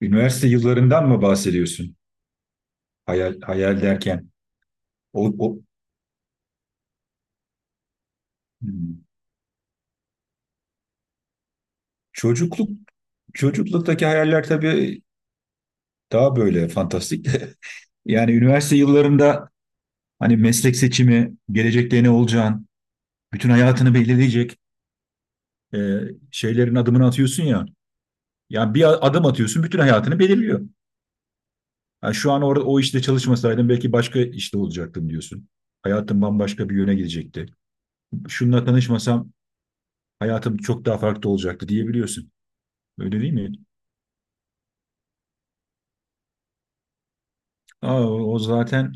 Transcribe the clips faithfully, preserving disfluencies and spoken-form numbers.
Üniversite yıllarından mı bahsediyorsun? Hayal, hayal derken. O, o, Hmm. Çocukluk, çocukluktaki hayaller tabii daha böyle fantastik. Yani üniversite yıllarında hani meslek seçimi, gelecekte ne olacağın, bütün hayatını belirleyecek e, şeylerin adımını atıyorsun ya. Yani bir a- adım atıyorsun, bütün hayatını belirliyor. Yani şu an orada o işte çalışmasaydım belki başka işte olacaktım diyorsun. Hayatım bambaşka bir yöne gidecekti. Şununla tanışmasam hayatım çok daha farklı olacaktı diyebiliyorsun. Öyle değil mi? Aa, o o zaten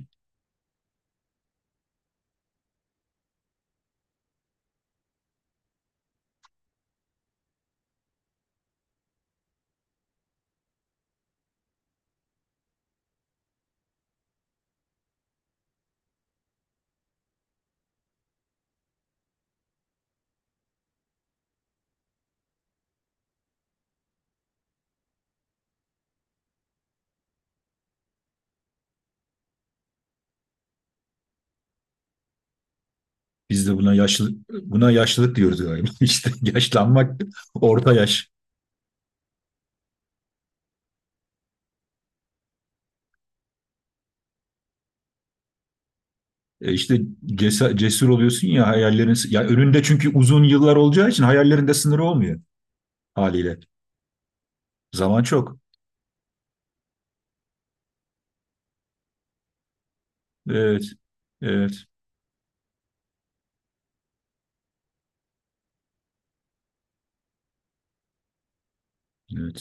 biz de buna yaşlı buna yaşlılık diyoruz galiba. İşte yaşlanmak, orta yaş. E İşte cesa- cesur oluyorsun ya, hayallerin ya önünde, çünkü uzun yıllar olacağı için hayallerinde sınırı olmuyor haliyle. Zaman çok. Evet. Evet. Evet.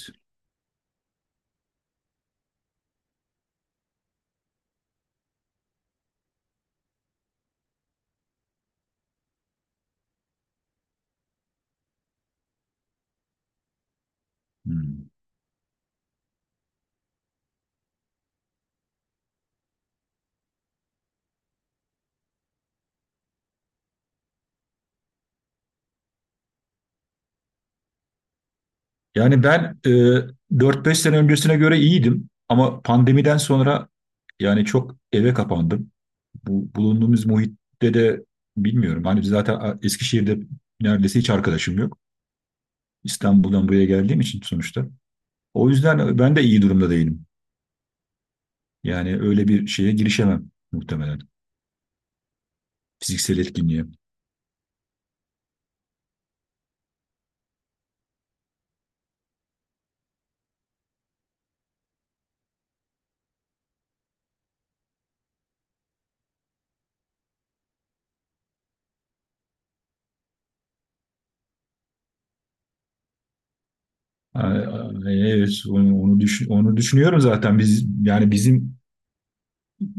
Hmm. Yani ben e, dört beş sene öncesine göre iyiydim, ama pandemiden sonra yani çok eve kapandım. Bu bulunduğumuz muhitte de bilmiyorum. Hani biz zaten Eskişehir'de neredeyse hiç arkadaşım yok. İstanbul'dan buraya geldiğim için sonuçta. O yüzden ben de iyi durumda değilim. Yani öyle bir şeye girişemem muhtemelen. Fiziksel etkinliğe. Evet, onu, onu, düşün- onu düşünüyorum zaten. Biz yani bizim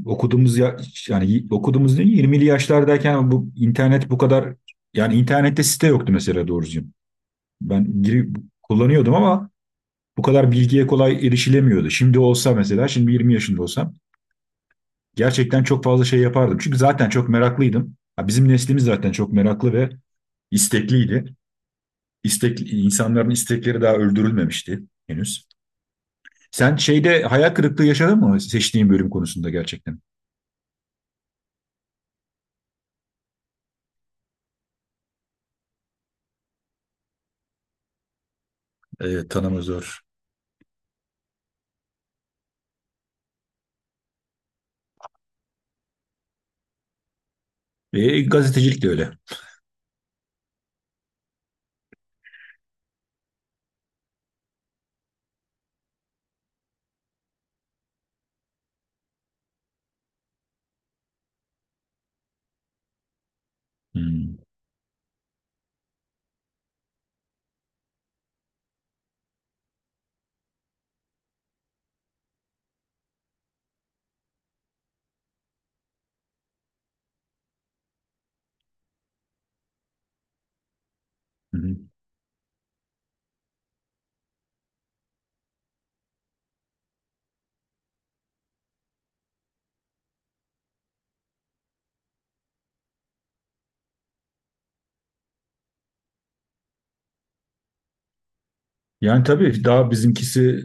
okuduğumuz ya, yani okuduğumuz değil, yirmili yaşlardayken bu internet bu kadar, yani internette site yoktu mesela, doğru. Ben girip kullanıyordum ama bu kadar bilgiye kolay erişilemiyordu. Şimdi olsa mesela, şimdi yirmi yaşında olsam gerçekten çok fazla şey yapardım. Çünkü zaten çok meraklıydım. Bizim neslimiz zaten çok meraklı ve istekliydi. İstek, insanların istekleri daha öldürülmemişti henüz. Sen şeyde hayal kırıklığı yaşadın mı, seçtiğin bölüm konusunda, gerçekten? E, tanıma zor. E, gazetecilik de öyle. Hmm. Yani tabii daha bizimkisi,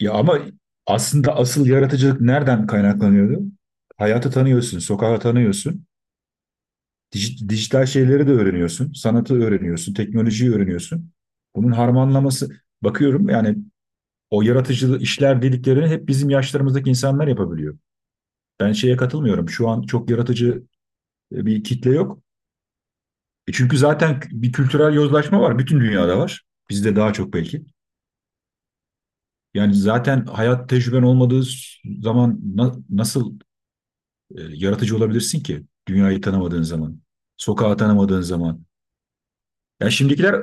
ya ama aslında asıl yaratıcılık nereden kaynaklanıyordu? Hayatı tanıyorsun, sokağı tanıyorsun. Dij- Dijital şeyleri de öğreniyorsun. Sanatı öğreniyorsun, teknolojiyi öğreniyorsun. Bunun harmanlaması, bakıyorum yani o yaratıcı işler dediklerini hep bizim yaşlarımızdaki insanlar yapabiliyor. Ben şeye katılmıyorum. Şu an çok yaratıcı e, bir kitle yok. E çünkü zaten bir kültürel yozlaşma var. Bütün dünyada var. Bizde daha çok belki. Yani zaten hayat tecrüben olmadığı zaman na- nasıl e, yaratıcı olabilirsin ki? Dünyayı tanımadığın zaman, sokağı tanımadığın zaman. Ya şimdikiler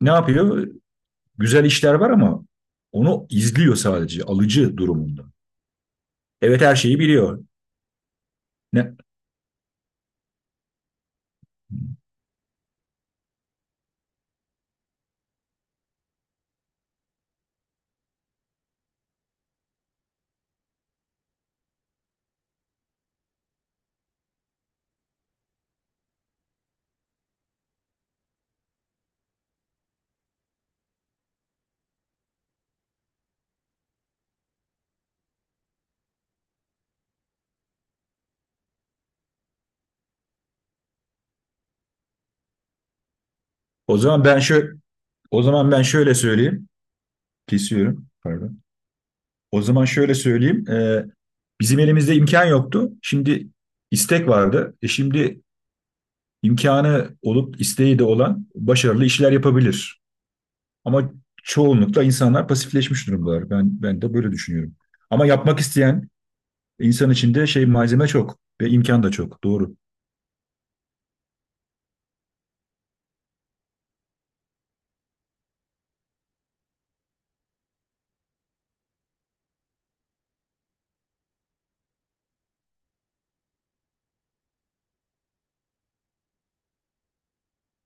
ne yapıyor? Güzel işler var ama onu izliyor, sadece alıcı durumunda. Evet, her şeyi biliyor. Ne? O zaman ben şöyle O zaman ben şöyle söyleyeyim. Kesiyorum. Pardon. O zaman şöyle söyleyeyim. Ee, bizim elimizde imkan yoktu. Şimdi istek vardı. E şimdi imkanı olup isteği de olan başarılı işler yapabilir. Ama çoğunlukla insanlar pasifleşmiş durumdalar. Ben ben de böyle düşünüyorum. Ama yapmak isteyen insan içinde şey, malzeme çok ve imkan da çok. Doğru.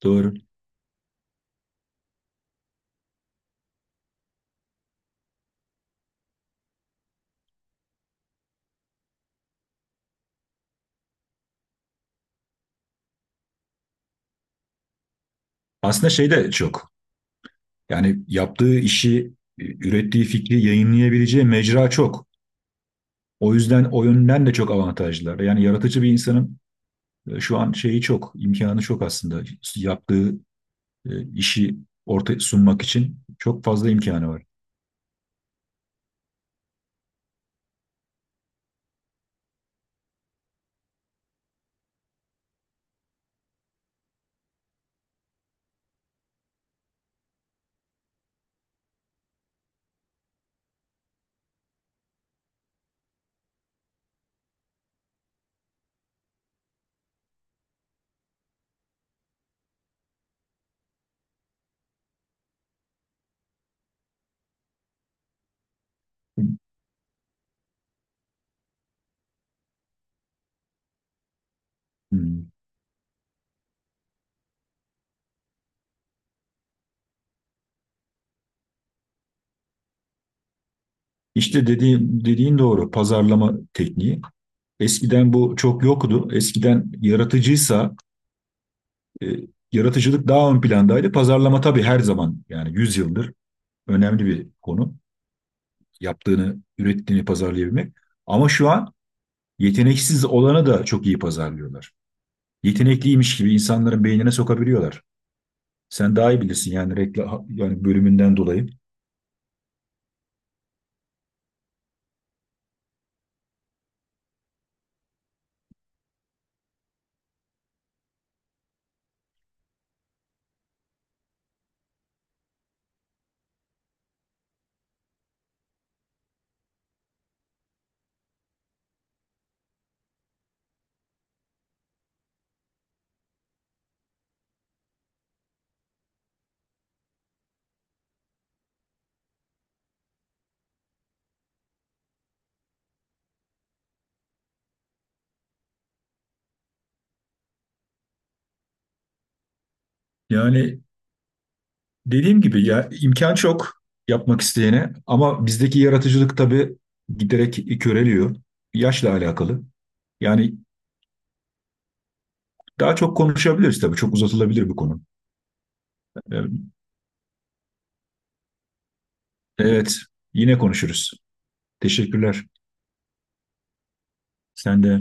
Doğru. Aslında şey de çok. Yani yaptığı işi, e, ürettiği fikri yayınlayabileceği mecra çok. O yüzden o yönden de çok avantajlılar. Yani yaratıcı bir insanın e, şu an şeyi çok, imkanı çok aslında. Yaptığı e, işi ortaya sunmak için çok fazla imkanı var. Hmm. İşte dediğin, dediğin doğru. Pazarlama tekniği. Eskiden bu çok yoktu. Eskiden yaratıcıysa e, yaratıcılık daha ön plandaydı. Pazarlama tabii her zaman, yani yüz yıldır önemli bir konu. Yaptığını, ürettiğini pazarlayabilmek. Ama şu an yeteneksiz olanı da çok iyi pazarlıyorlar. Yetenekliymiş gibi insanların beynine sokabiliyorlar. Sen daha iyi bilirsin yani, reklam yani bölümünden dolayı. Yani dediğim gibi ya, imkan çok yapmak isteyene, ama bizdeki yaratıcılık tabii giderek köreliyor. Yaşla alakalı. Yani daha çok konuşabiliriz tabii. Çok uzatılabilir bu konu. Ee, Evet, yine konuşuruz. Teşekkürler. Sen de